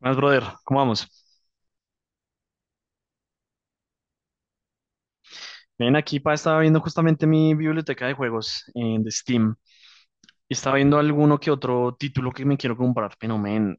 Más, brother, ¿cómo vamos? Ven aquí, pa, estaba viendo justamente mi biblioteca de juegos de Steam y estaba viendo alguno que otro título que me quiero comprar, pero men,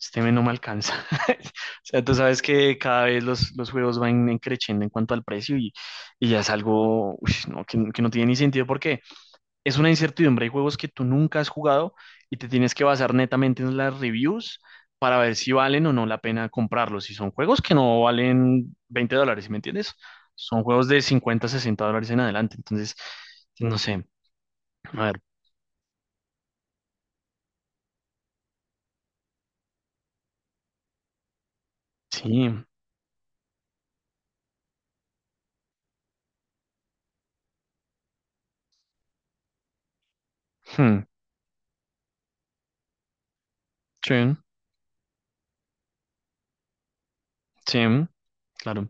este men no me alcanza. O sea, tú sabes que cada vez los juegos van en creciendo en cuanto al precio y ya es algo uy, no, que no tiene ni sentido. ¿Por qué? Es una incertidumbre. Hay juegos que tú nunca has jugado y te tienes que basar netamente en las reviews para ver si valen o no la pena comprarlos. Y son juegos que no valen $20, ¿sí? ¿Me entiendes? Son juegos de $50 $60 en adelante. Entonces, no sé. A ver, sí. hmm, Sí, sí, claro.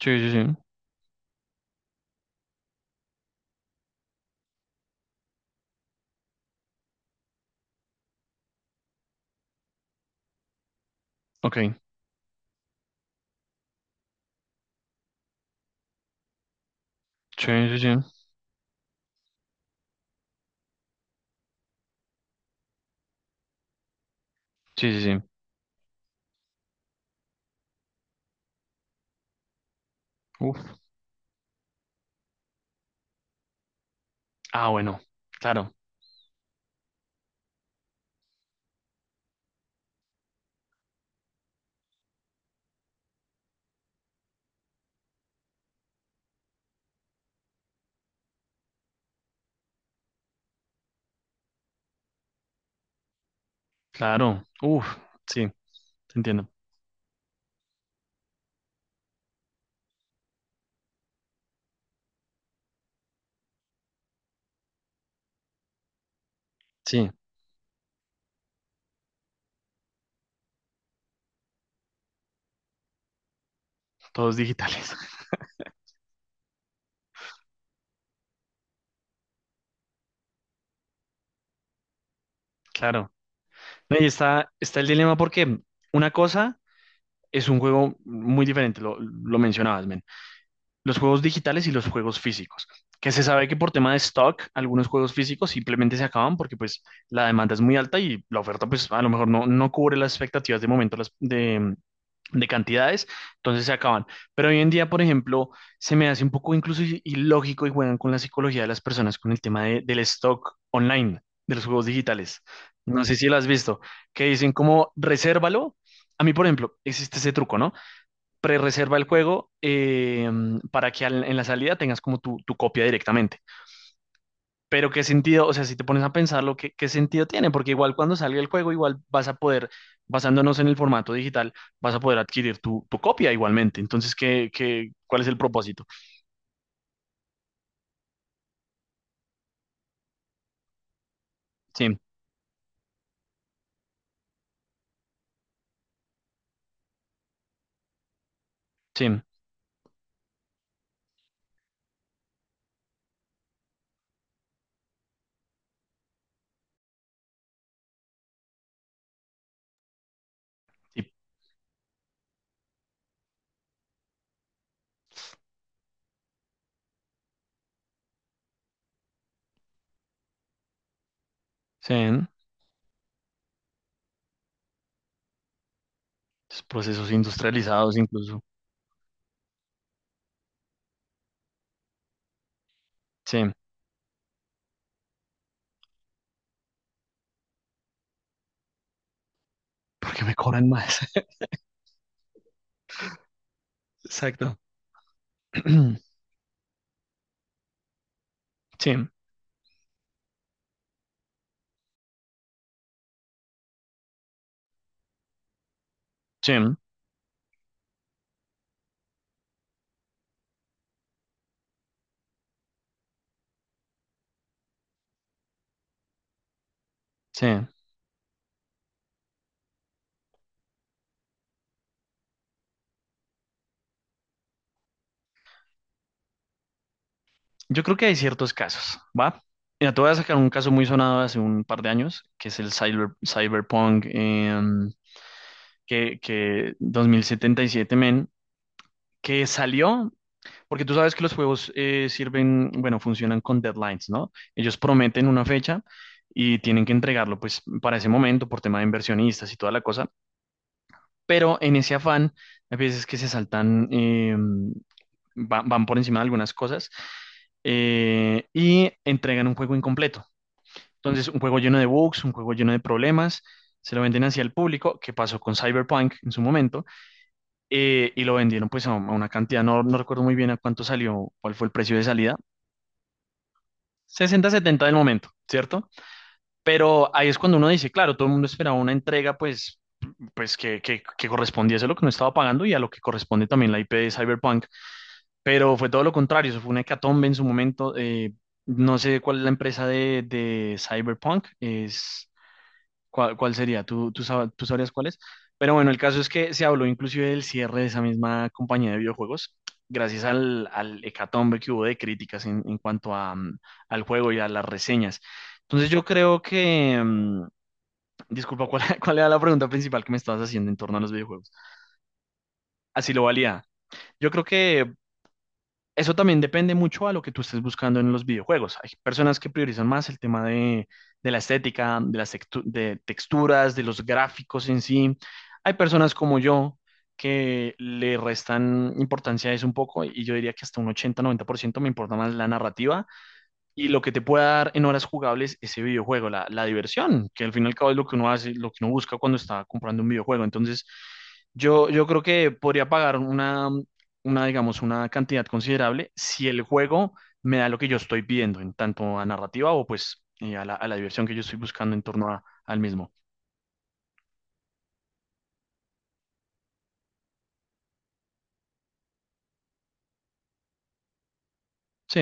Sí, sí, sí. Ok. Sí, sí, sí. Sí, sí, sí. Uf. Ah, bueno. Claro, claro. Uf, sí, te entiendo. Sí, todos digitales. Claro. No, y está, está el dilema porque una cosa es un juego muy diferente, lo mencionabas, men, los juegos digitales y los juegos físicos, que se sabe que por tema de stock, algunos juegos físicos simplemente se acaban porque pues la demanda es muy alta y la oferta pues a lo mejor no, no cubre las expectativas de momento las, de cantidades, entonces se acaban. Pero hoy en día, por ejemplo, se me hace un poco incluso i- ilógico y juegan con la psicología de las personas con el tema de- del stock online, de los juegos digitales. No sé si lo has visto, que dicen como resérvalo. A mí, por ejemplo, existe ese truco, ¿no? Pre-reserva el juego para que al- en la salida tengas como tu copia directamente. Pero qué sentido, o sea, si te pones a pensarlo, ¿qué, qué sentido tiene? Porque igual cuando salga el juego, igual vas a poder, basándonos en el formato digital, vas a poder adquirir tu, tu copia igualmente. Entonces, ¿qué, qué, cuál es el propósito? Sí, sí, sí, sí. Los procesos industrializados incluso. Sí, porque me cobran más. Exacto. Sí, sí, sí. Yo creo que hay ciertos casos, ¿va? Mira, te voy a sacar un caso muy sonado hace un par de años, que es el cyber, Cyberpunk que 2077 men, que salió, porque tú sabes que los juegos sirven, bueno, funcionan con deadlines, ¿no? Ellos prometen una fecha y tienen que entregarlo, pues, para ese momento, por tema de inversionistas y toda la cosa, pero en ese afán, hay veces que se saltan, va- van por encima de algunas cosas y entregan un juego incompleto. Entonces, un juego lleno de bugs, un juego lleno de problemas, se lo venden hacia el público, que pasó con Cyberpunk en su momento, y lo vendieron pues a una cantidad, no, no recuerdo muy bien a cuánto salió, cuál fue el precio de salida, 60, 70 del momento, ¿cierto? Pero ahí es cuando uno dice, claro, todo el mundo esperaba una entrega pues, pues que correspondía a lo que no estaba pagando y a lo que corresponde también la IP de Cyberpunk, pero fue todo lo contrario, eso fue una hecatombe en su momento, no sé cuál es la empresa de Cyberpunk, es ¿Cuál, cuál sería? ¿Tú, tú, sab- tú sabrías cuál es? Pero bueno, el caso es que se habló inclusive del cierre de esa misma compañía de videojuegos, gracias al, al hecatombe que hubo de críticas en cuanto a, al juego y a las reseñas. Entonces yo creo que, disculpa, ¿cuál, cuál era la pregunta principal que me estabas haciendo en torno a los videojuegos? Así lo valía. Yo creo que eso también depende mucho a lo que tú estés buscando en los videojuegos. Hay personas que priorizan más el tema de la estética, de las textu- de texturas, de los gráficos en sí. Hay personas como yo que le restan importancia a eso un poco y yo diría que hasta un 80-90% me importa más la narrativa y lo que te pueda dar en horas jugables ese videojuego, la diversión, que al fin y al cabo es lo que uno hace, lo que uno busca cuando está comprando un videojuego. Entonces, yo creo que podría pagar una, digamos, una cantidad considerable si el juego me da lo que yo estoy pidiendo, en tanto a narrativa o pues a la diversión que yo estoy buscando en torno a- al mismo. Sí,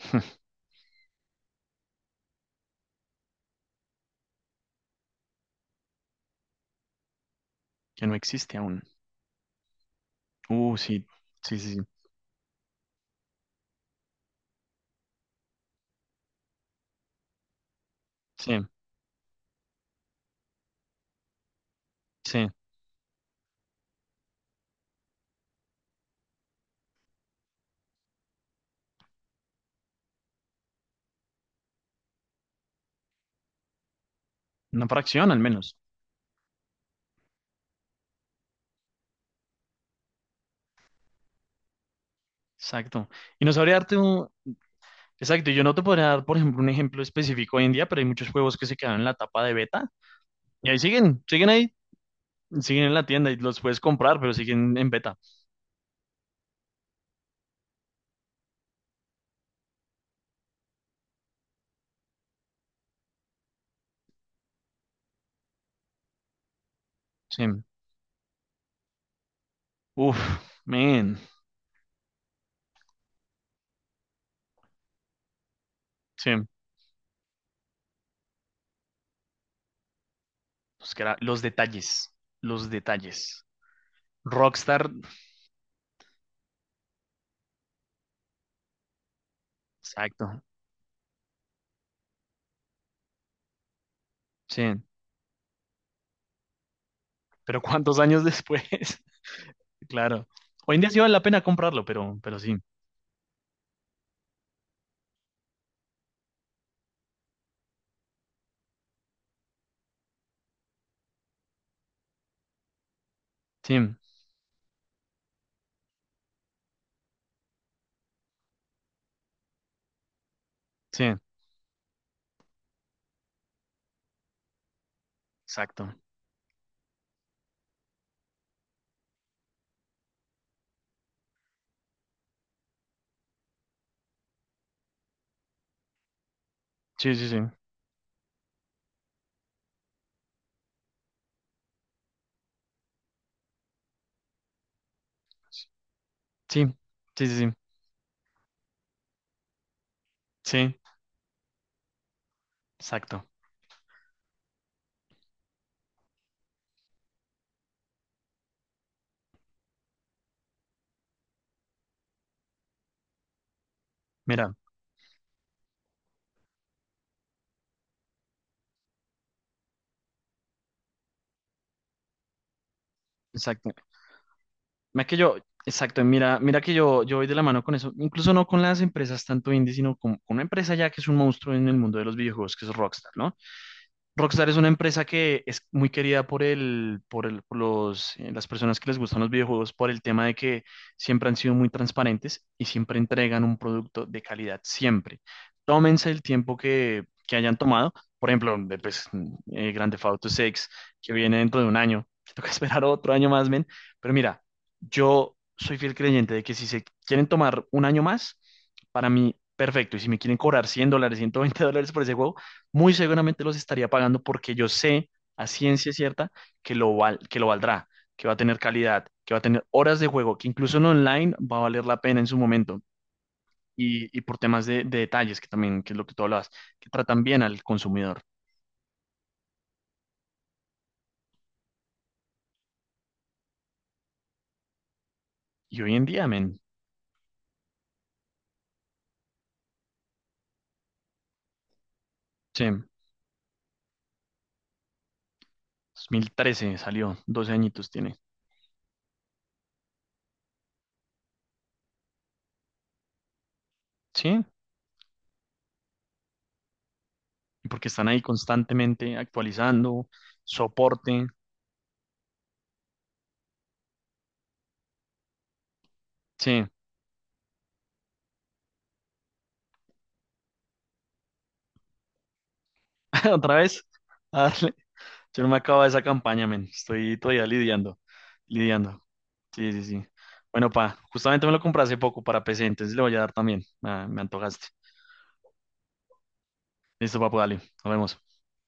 que no existe aún. Sí, sí, sí, sí, sí, sí, una fracción al menos. Exacto. Y no sabría darte un, exacto, yo no te podría dar, por ejemplo, un ejemplo específico hoy en día, pero hay muchos juegos que se quedaron en la etapa de beta y ahí siguen, siguen ahí, siguen en la tienda y los puedes comprar, pero siguen en beta. Sí. Uf, man. Sí. Los, que era- los detalles, los detalles. Rockstar, exacto. Sí. Pero ¿cuántos años después? Claro. Hoy en día sí vale la pena comprarlo, pero sí. Sí, sí, exacto. Sí, sí, sí. Sí, sí, sí, sí. Sí, exacto. Mira, exacto. Mira que yo, exacto, mira, mira que yo voy de la mano con eso, incluso no con las empresas tanto indie, sino con una empresa ya que es un monstruo en el mundo de los videojuegos, que es Rockstar, ¿no? Rockstar es una empresa que es muy querida por el, por el, por los, las personas que les gustan los videojuegos por el tema de que siempre han sido muy transparentes y siempre entregan un producto de calidad, siempre. Tómense el tiempo que hayan tomado. Por ejemplo, de, pues, Grand Theft Auto 6, que viene dentro de un año, que toca esperar otro año más, men. Pero mira, yo soy fiel creyente de que si se quieren tomar un año más, para mí, perfecto. Y si me quieren cobrar $100, $120 por ese juego, muy seguramente los estaría pagando porque yo sé a ciencia cierta que lo, val- que lo valdrá, que va a tener calidad, que va a tener horas de juego, que incluso en online va a valer la pena en su momento. Y por temas de detalles, que también, que es lo que tú hablabas, que tratan bien al consumidor. Y hoy en día, men, sí, 2013 salió, 12 añitos tiene, sí, y porque están ahí constantemente actualizando, soporte, sí, otra vez, a darle. Yo no me acabo de esa campaña, men, estoy todavía lidiando lidiando. Sí, sí, sí. Bueno, pa, justamente me lo compré hace poco para PC, entonces le voy a dar también. Ah, me antojaste. Listo, papu, dale. Nos vemos.